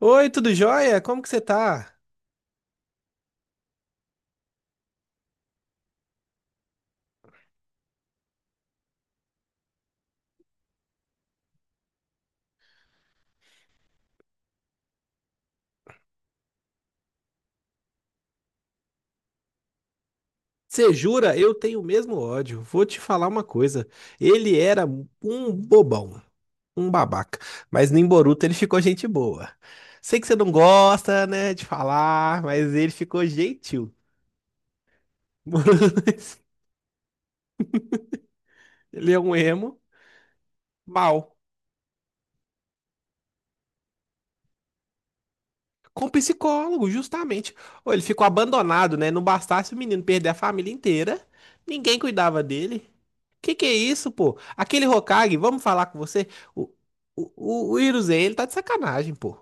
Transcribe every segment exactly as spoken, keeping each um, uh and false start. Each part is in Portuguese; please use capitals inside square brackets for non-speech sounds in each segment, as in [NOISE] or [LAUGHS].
Oi, tudo jóia? Como que você tá? Você jura? Eu tenho o mesmo ódio. Vou te falar uma coisa. Ele era um bobão, um babaca. Mas no Boruto ele ficou gente boa. Sei que você não gosta, né, de falar, mas ele ficou gentil. [LAUGHS] Ele é um emo mal. Com psicólogo, justamente. Ou ele ficou abandonado, né? Não bastasse o menino perder a família inteira, ninguém cuidava dele. Que que é isso, pô? Aquele Hokage, vamos falar com você? O, o, o Hiruzen, ele tá de sacanagem, pô.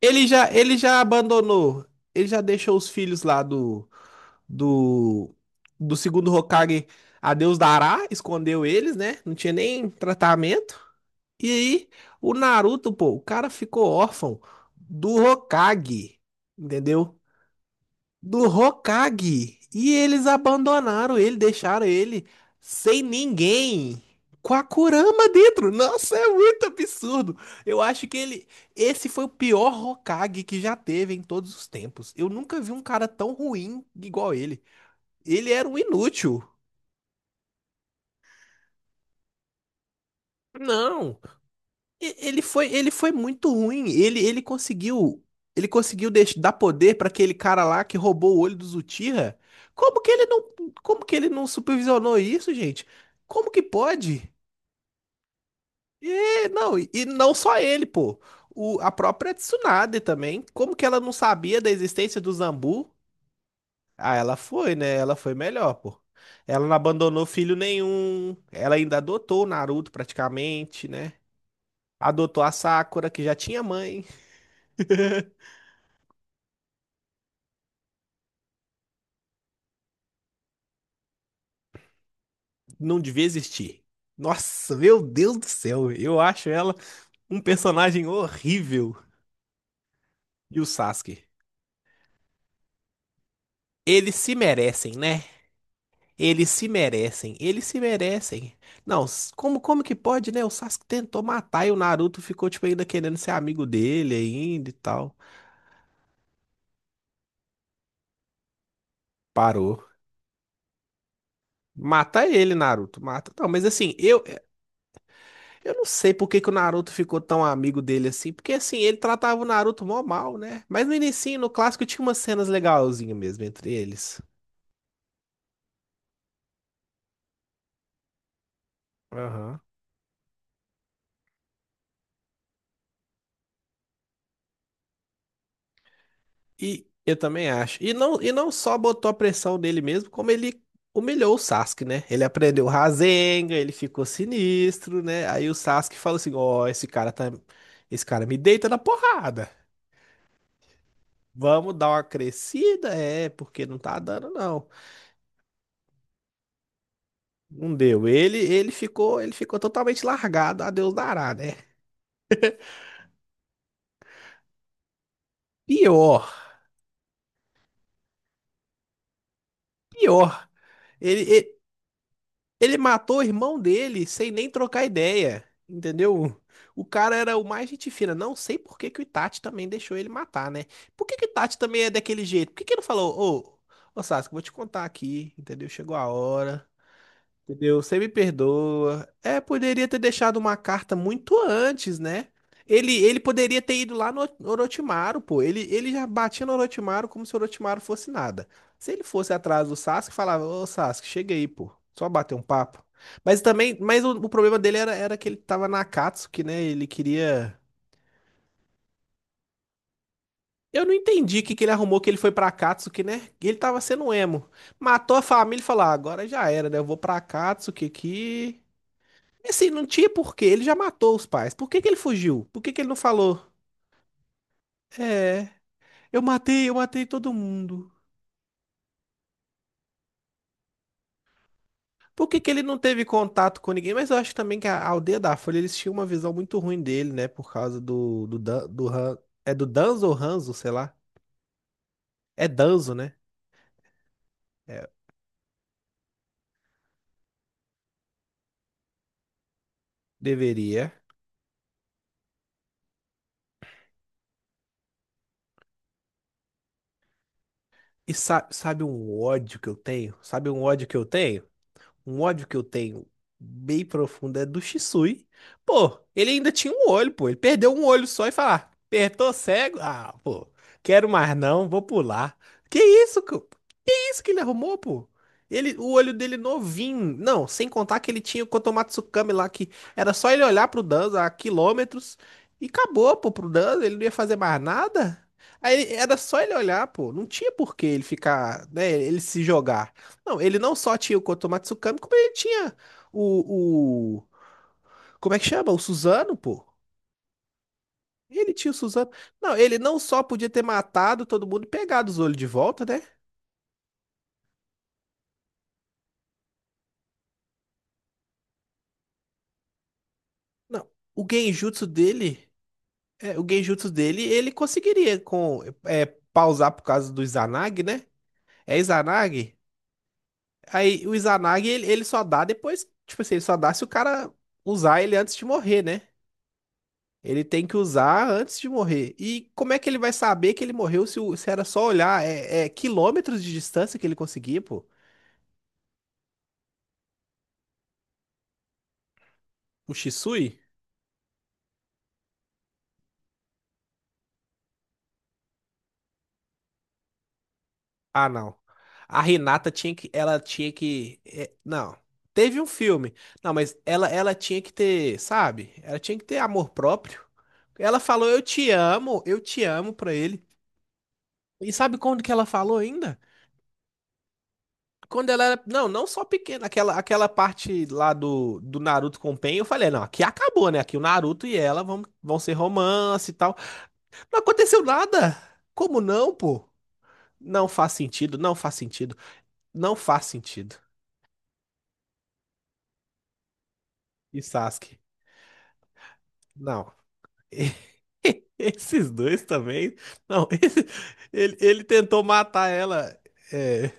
Ele já, ele já abandonou, ele já deixou os filhos lá do, do, do segundo Hokage a Deus dará, escondeu eles, né? Não tinha nem tratamento. E aí, o Naruto, pô, o cara ficou órfão do Hokage, entendeu? Do Hokage. E eles abandonaram ele, deixaram ele sem ninguém. Com a Kurama dentro. Nossa, é muito absurdo. Eu acho que ele. Esse foi o pior Hokage que já teve em todos os tempos. Eu nunca vi um cara tão ruim igual ele. Ele era um inútil. Não. E ele foi, ele foi muito ruim. Ele, ele conseguiu, ele conseguiu deix- dar poder para aquele cara lá que roubou o olho do Uchiha. Como que ele não, como que ele não supervisionou isso, gente? Como que pode? E não, e e não só ele, pô. O, a própria Tsunade também. Como que ela não sabia da existência do Zambu? Ah, ela foi, né? Ela foi melhor, pô. Ela não abandonou filho nenhum. Ela ainda adotou o Naruto praticamente, né? Adotou a Sakura, que já tinha mãe. Não devia existir. Nossa, meu Deus do céu, eu acho ela um personagem horrível. E o Sasuke? Eles se merecem, né? Eles se merecem, eles se merecem. Não, s- como como que pode, né? O Sasuke tentou matar e o Naruto ficou tipo ainda querendo ser amigo dele ainda e tal. Parou. Mata ele, Naruto, mata. Não, mas assim, eu eu não sei por que que o Naruto ficou tão amigo dele assim, porque assim, ele tratava o Naruto mó mal, né? Mas no início, no clássico, tinha umas cenas legalzinhas mesmo entre eles. Aham. E eu também acho. E não, e não só botou a pressão nele mesmo, como ele humilhou o Sasuke, né? Ele aprendeu o Rasengan, ele ficou sinistro, né? Aí o Sasuke falou assim: "Ó, esse cara tá, esse cara me deita na porrada. Vamos dar uma crescida, é, porque não tá dando não". Não deu. Ele, ele ficou, ele ficou totalmente largado, a Deus dará, né? Pior, pior. Ele, ele, ele matou o irmão dele sem nem trocar ideia, entendeu? O cara era o mais gente fina. Não sei por que que o Itachi também deixou ele matar, né? Por que que o Itachi também é daquele jeito? Por que que ele não falou, ô, ô Sasuke, vou te contar aqui, entendeu? Chegou a hora. Entendeu? Você me perdoa. É, poderia ter deixado uma carta muito antes, né? Ele, ele poderia ter ido lá no Orochimaru, pô. Ele, ele já batia no Orochimaru como se o Orochimaru fosse nada. Se ele fosse atrás do Sasuke, falava, ô Sasuke, chega aí, pô. Só bater um papo. Mas também, mas o, o problema dele era, era que ele tava na Akatsuki, né? Ele queria. Eu não entendi o que, que ele arrumou que ele foi pra Akatsuki, né? Ele tava sendo emo. Matou a família e falou, ah, agora já era, né? Eu vou pra Akatsuki aqui. E assim, não tinha porquê. Ele já matou os pais. Por que que ele fugiu? Por que que ele não falou? É, eu matei, eu matei todo mundo. Por que que ele não teve contato com ninguém? Mas eu acho também que a aldeia da Folha, eles tinham uma visão muito ruim dele, né? Por causa do, do, Dan- do Han- é do Danzo ou Hanzo, sei lá. É Danzo, né? É, deveria. E sa- sabe um ódio que eu tenho? Sabe um ódio que eu tenho? Um ódio que eu tenho bem profundo é do Shisui. Pô, ele ainda tinha um olho, pô. Ele perdeu um olho só e falar, apertou cego? Ah, pô, quero mais não, vou pular. Que isso, co- isso que ele arrumou, pô? Ele, o olho dele novinho. Não, sem contar que ele tinha o Kotomatsukami lá, que era só ele olhar pro Danza a quilômetros e acabou, pô, pro Danza, ele não ia fazer mais nada. Aí ele- era só ele olhar, pô. Não tinha por que ele ficar, né, ele se jogar. Não, ele não só tinha o Kotomatsukami, como ele tinha o, o... Como é que chama? O Suzano, pô. Ele tinha o Suzano. Não, ele não só podia ter matado todo mundo e pegado os olhos de volta, né? Não, o genjutsu dele. É, o genjutsu dele, ele conseguiria com é, pausar por causa do Izanagi, né? É Izanagi? Aí o Izanagi, ele, ele só dá depois, tipo assim, ele só dá se o cara usar ele antes de morrer, né? Ele tem que usar antes de morrer. E como é que ele vai saber que ele morreu se, o- se era só olhar? É, é quilômetros de distância que ele conseguia, pô. O Shisui? Ah, não. A Renata tinha que, ela tinha que, é, não. Teve um filme. Não, mas ela, ela tinha que ter, sabe? Ela tinha que ter amor próprio. Ela falou, eu te amo, eu te amo pra ele. E sabe quando que ela falou ainda? Quando ela era, não, não só pequena, aquela, aquela parte lá do, do Naruto com o Pain, eu falei, não, aqui acabou, né? Aqui o Naruto e ela vão, vão ser romance e tal. Não aconteceu nada. Como não, pô? Não faz sentido, não faz sentido, não faz sentido. E Sasuke? Não. [LAUGHS] Esses dois também. Não, [LAUGHS] esse- ele, ele tentou matar ela. É,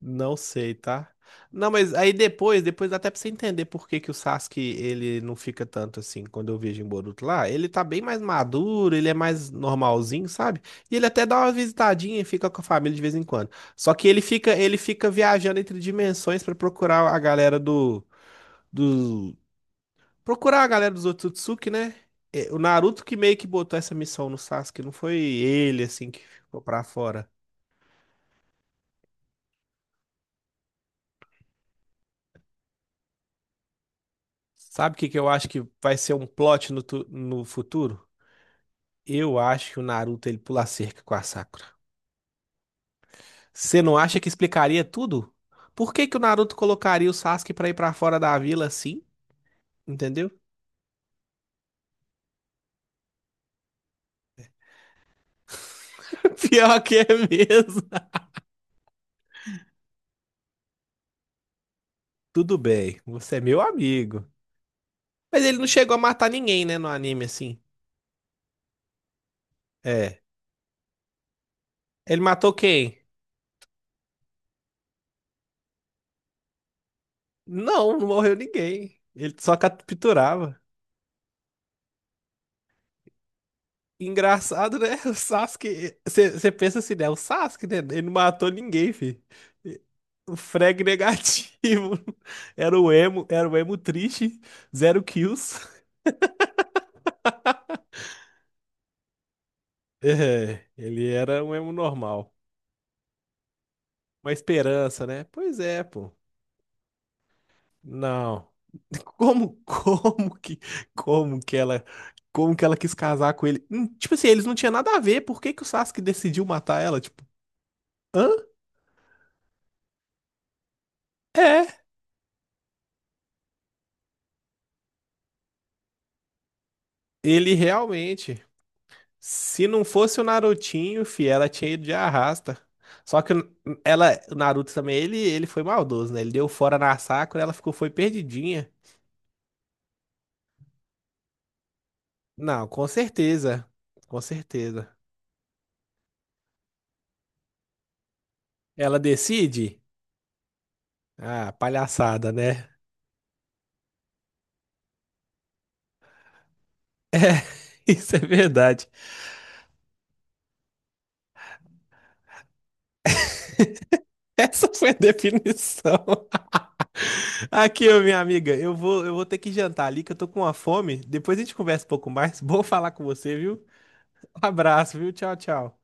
não sei, tá? Não, mas aí depois, depois dá até pra você entender por que que o Sasuke ele não fica tanto assim quando eu vejo em Boruto lá. Ele tá bem mais maduro, ele é mais normalzinho, sabe? E ele até dá uma visitadinha e fica com a família de vez em quando. Só que ele fica, ele fica viajando entre dimensões pra procurar a galera do, do Procurar a galera dos Otsutsuki, né? É, o Naruto que meio que botou essa missão no Sasuke, não foi ele, assim, que ficou pra fora. Sabe o que que eu acho que vai ser um plot no, tu- no futuro? Eu acho que o Naruto ele pula a cerca com a Sakura. Você não acha que explicaria tudo? Por que que o Naruto colocaria o Sasuke pra ir pra fora da vila assim? Entendeu? [LAUGHS] Pior que é mesmo. Tudo bem, você é meu amigo. Mas ele não chegou a matar ninguém, né, no anime assim. É. Ele matou quem? Não, não morreu ninguém. Ele só capturava. Engraçado, né? [LAUGHS] O Sasuke. Você pensa assim, né? O Sasuke, né? Ele não matou ninguém, filho. O frag negativo. [LAUGHS] Era o emo, era o emo triste. Zero kills. [LAUGHS] É, ele era um emo normal. Uma esperança, né? Pois é, pô. Não. [LAUGHS] Como, como que, como que ela, como que ela quis casar com ele? Hum, Tipo assim, eles não tinham nada a ver. Por que que o Sasuke decidiu matar ela? Tipo, é. Ele realmente, se não fosse o Narutinho, fi, ela tinha ido de arrasta. Só que o- ela, o Naruto também, ele, ele foi maldoso, né? Ele deu fora na Sakura, ela ficou foi perdidinha. Não, com certeza. Com certeza. Ela decide? Ah, palhaçada, né? [LAUGHS] Isso é verdade. Essa foi a definição. [LAUGHS] Aqui, ô, minha amiga, eu vou, eu vou ter que jantar ali, que eu tô com uma fome. Depois a gente conversa um pouco mais. Bom falar com você, viu? Um abraço, viu? Tchau, tchau.